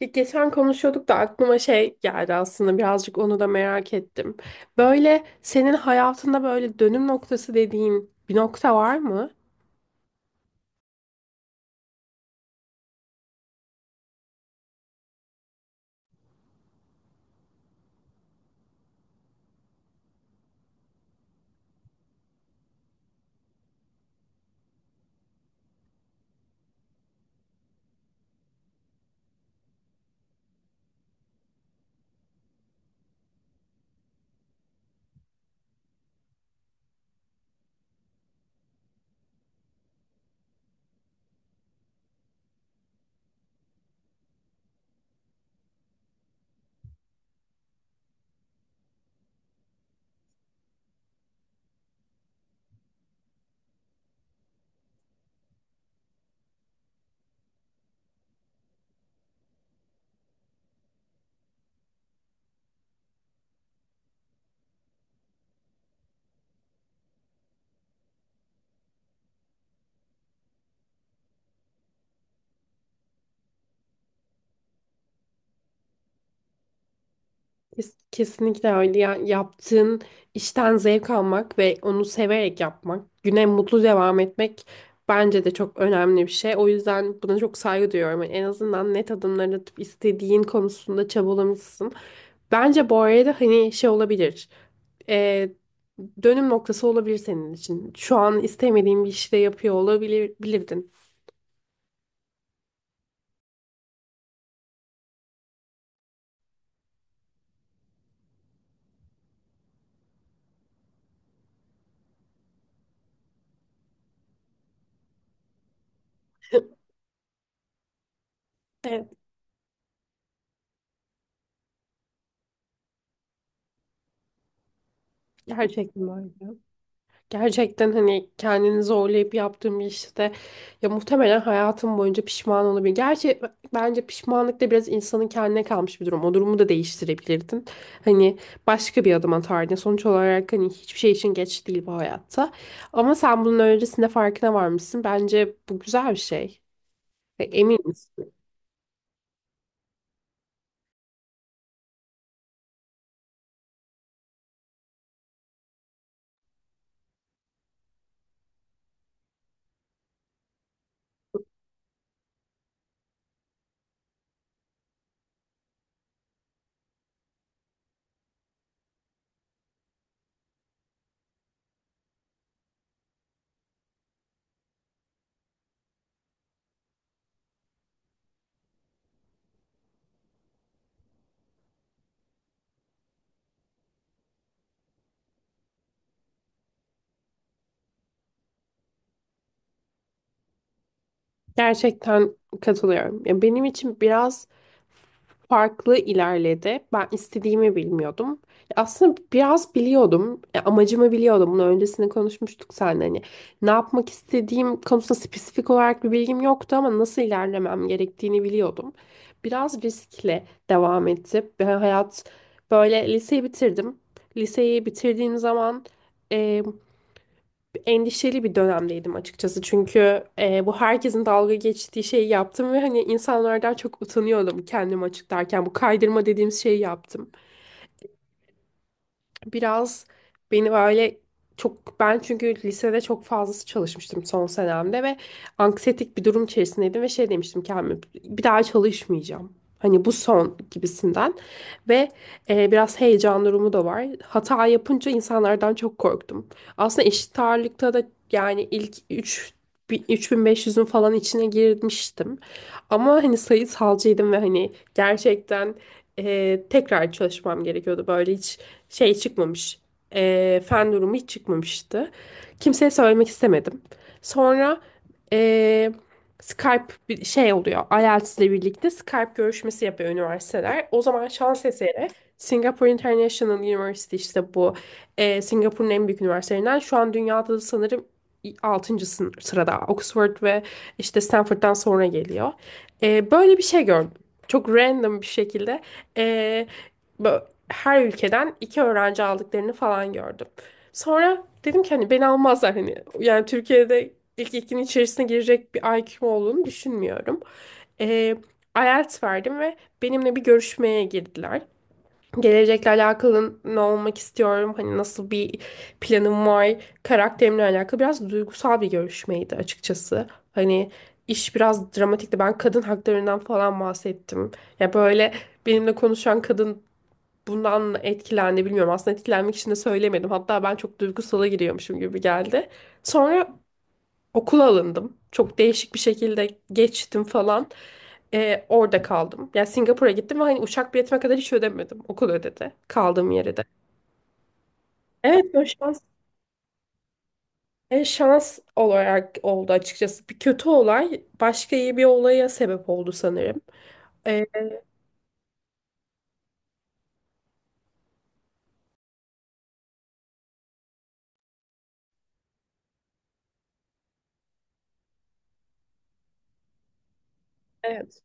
Ya, geçen konuşuyorduk da aklıma şey geldi aslında birazcık onu da merak ettim. Böyle senin hayatında böyle dönüm noktası dediğin bir nokta var mı? Kesinlikle öyle. Yani yaptığın işten zevk almak ve onu severek yapmak, güne mutlu devam etmek bence de çok önemli bir şey. O yüzden buna çok saygı duyuyorum. Yani en azından net adımlar atıp istediğin konusunda çabalamışsın. Bence bu arada hani şey olabilir. e, Dönüm noktası olabilir senin için. Şu an istemediğin bir işi de yapıyor olabilir, bilirdin. Evet, gerçekten öyle. Gerçekten hani kendini zorlayıp yaptığım bir işte ya muhtemelen hayatım boyunca pişman olabilir. Gerçi bence pişmanlık da biraz insanın kendine kalmış bir durum. O durumu da değiştirebilirdin. Hani başka bir adım atardın. Sonuç olarak hani hiçbir şey için geç değil bu hayatta. Ama sen bunun öncesinde farkına varmışsın. Bence bu güzel bir şey. Ve eminim. Gerçekten katılıyorum. Ya benim için biraz farklı ilerledi. Ben istediğimi bilmiyordum. Ya, aslında biraz biliyordum. Ya, amacımı biliyordum. Bunu öncesinde konuşmuştuk seninle. Hani ne yapmak istediğim konusunda spesifik olarak bir bilgim yoktu ama nasıl ilerlemem gerektiğini biliyordum. Biraz riskle devam etti. Ve hayat böyle liseyi bitirdim. Liseyi bitirdiğim zaman endişeli bir dönemdeydim açıkçası. Çünkü bu herkesin dalga geçtiği şeyi yaptım ve hani insanlardan çok utanıyordum kendimi açıklarken. Bu kaydırma dediğimiz şeyi yaptım. Biraz beni böyle çok ben çünkü lisede çok fazlası çalışmıştım son senemde ve anksiyetik bir durum içerisindeydim ve şey demiştim kendime, bir daha çalışmayacağım. Hani bu son gibisinden. Ve biraz heyecan durumu da var. Hata yapınca insanlardan çok korktum. Aslında eşit ağırlıkta da yani ilk 3 3500'ün falan içine girmiştim. Ama hani sayısalcıydım ve hani gerçekten tekrar çalışmam gerekiyordu. Böyle hiç şey çıkmamış. Fen durumu hiç çıkmamıştı. Kimseye söylemek istemedim. Sonra eee, Skype bir şey oluyor. IELTS ile birlikte Skype görüşmesi yapıyor üniversiteler. O zaman şans eseri Singapore International University işte bu Singapur'un en büyük üniversitelerinden şu an dünyada da sanırım 6. sırada. Oxford ve işte Stanford'dan sonra geliyor. Böyle bir şey gördüm. Çok random bir şekilde e, bö- her ülkeden iki öğrenci aldıklarını falan gördüm. Sonra dedim ki hani beni almazlar hani. Yani Türkiye'de ilk ikinin içerisine girecek bir IQ'm olduğunu düşünmüyorum. Ee, IELTS verdim ve benimle bir görüşmeye girdiler. Gelecekle alakalı ne olmak istiyorum, hani nasıl bir planım var, karakterimle alakalı biraz duygusal bir görüşmeydi açıkçası. Hani iş biraz dramatikti. Ben kadın haklarından falan bahsettim. Ya böyle benimle konuşan kadın bundan etkilendi bilmiyorum. Aslında etkilenmek için de söylemedim. Hatta ben çok duygusala giriyormuşum gibi geldi. Sonra okula alındım. Çok değişik bir şekilde geçtim falan. Orada kaldım. Yani Singapur'a gittim ve hani uçak biletime kadar hiç ödemedim. Okul ödedi. Kaldığım yere de. Evet o şans. Şans olarak oldu açıkçası. Bir kötü olay başka iyi bir olaya sebep oldu sanırım. Ee, evet.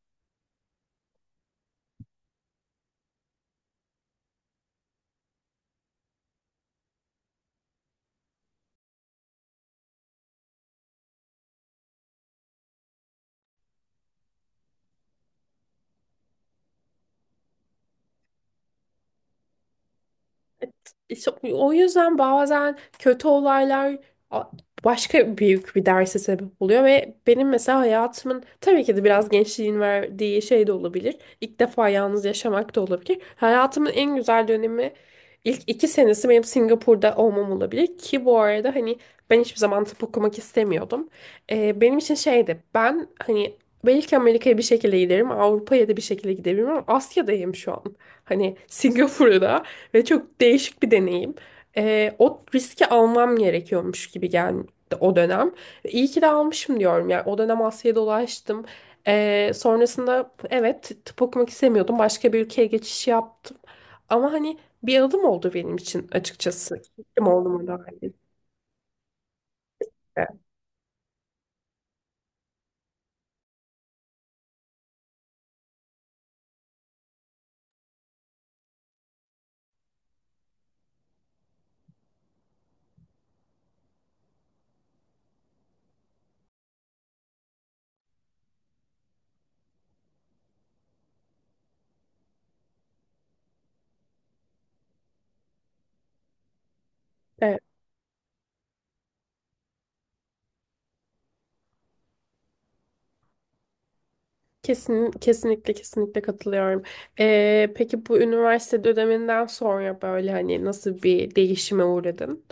İşte o yüzden bazen kötü olaylar a- başka büyük bir derse sebep oluyor ve benim mesela hayatımın tabii ki de biraz gençliğin verdiği şey de olabilir. İlk defa yalnız yaşamak da olabilir. Hayatımın en güzel dönemi ilk iki senesi benim Singapur'da olmam olabilir ki bu arada hani ben hiçbir zaman tıp okumak istemiyordum. Benim için şeydi, ben hani belki Amerika'ya bir şekilde giderim, Avrupa'ya da bir şekilde gidebilirim ama Asya'dayım şu an. Hani Singapur'da. Ve çok değişik bir deneyim. O riski almam gerekiyormuş gibi geldi o dönem. İyi ki de almışım diyorum. Yani o dönem Asya'ya dolaştım. Sonrasında evet tıp okumak istemiyordum. Başka bir ülkeye geçiş yaptım. Ama hani bir adım oldu benim için açıkçası. Kim olduğuma dair. Evet, kesinlikle kesinlikle katılıyorum. Peki bu üniversite döneminden sonra böyle hani nasıl bir değişime uğradın?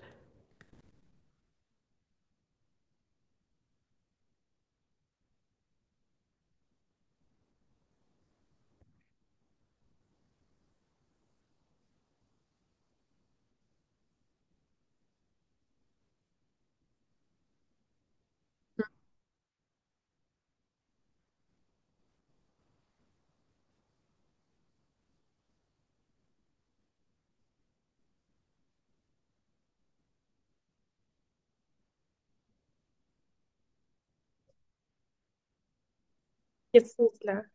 Kesinlikle.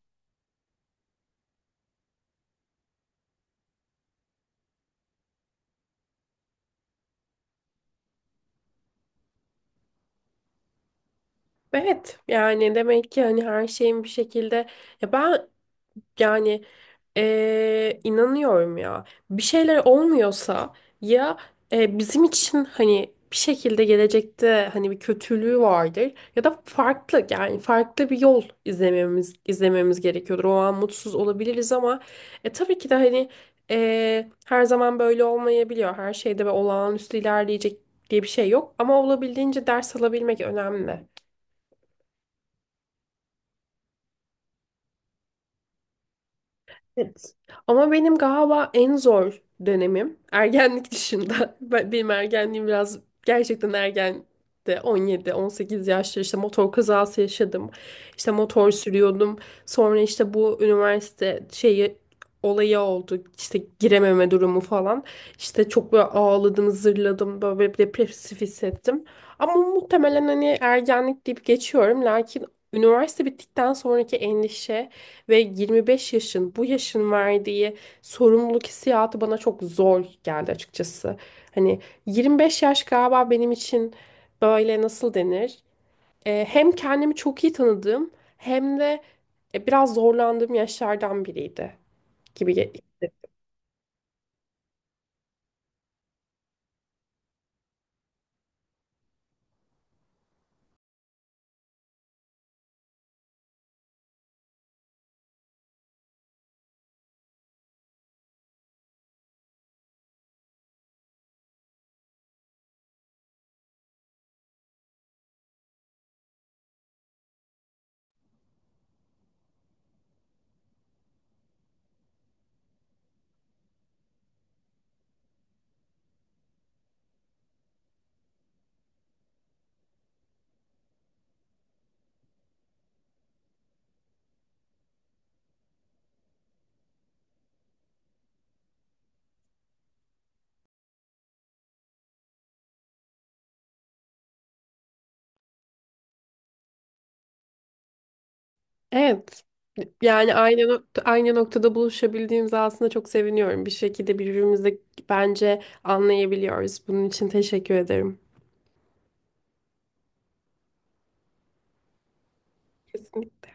Evet, yani demek ki hani her şeyin bir şekilde, ya ben, yani inanıyorum ya. Bir şeyler olmuyorsa ya bizim için hani bir şekilde gelecekte hani bir kötülüğü vardır ya da farklı yani farklı bir yol izlememiz gerekiyordur. O an mutsuz olabiliriz ama tabii ki de hani her zaman böyle olmayabiliyor. Her şeyde ve olağanüstü ilerleyecek diye bir şey yok ama olabildiğince ders alabilmek önemli. Evet. Ama benim galiba en zor dönemim ergenlik dışında. Benim ergenliğim biraz gerçekten ergen de 17-18 yaşta işte motor kazası yaşadım. İşte motor sürüyordum. Sonra işte bu üniversite şeyi olayı oldu. İşte girememe durumu falan. İşte çok böyle ağladım, zırladım, böyle bir depresif hissettim. Ama muhtemelen hani ergenlik deyip geçiyorum. Lakin üniversite bittikten sonraki endişe ve 25 yaşın bu yaşın verdiği sorumluluk hissiyatı bana çok zor geldi açıkçası. Hani 25 yaş galiba benim için böyle nasıl denir? Hem kendimi çok iyi tanıdığım hem de biraz zorlandığım yaşlardan biriydi gibi. Evet. Yani aynı nokta, aynı noktada buluşabildiğimize aslında çok seviniyorum. Bir şekilde birbirimizi bence anlayabiliyoruz. Bunun için teşekkür ederim. Kesinlikle.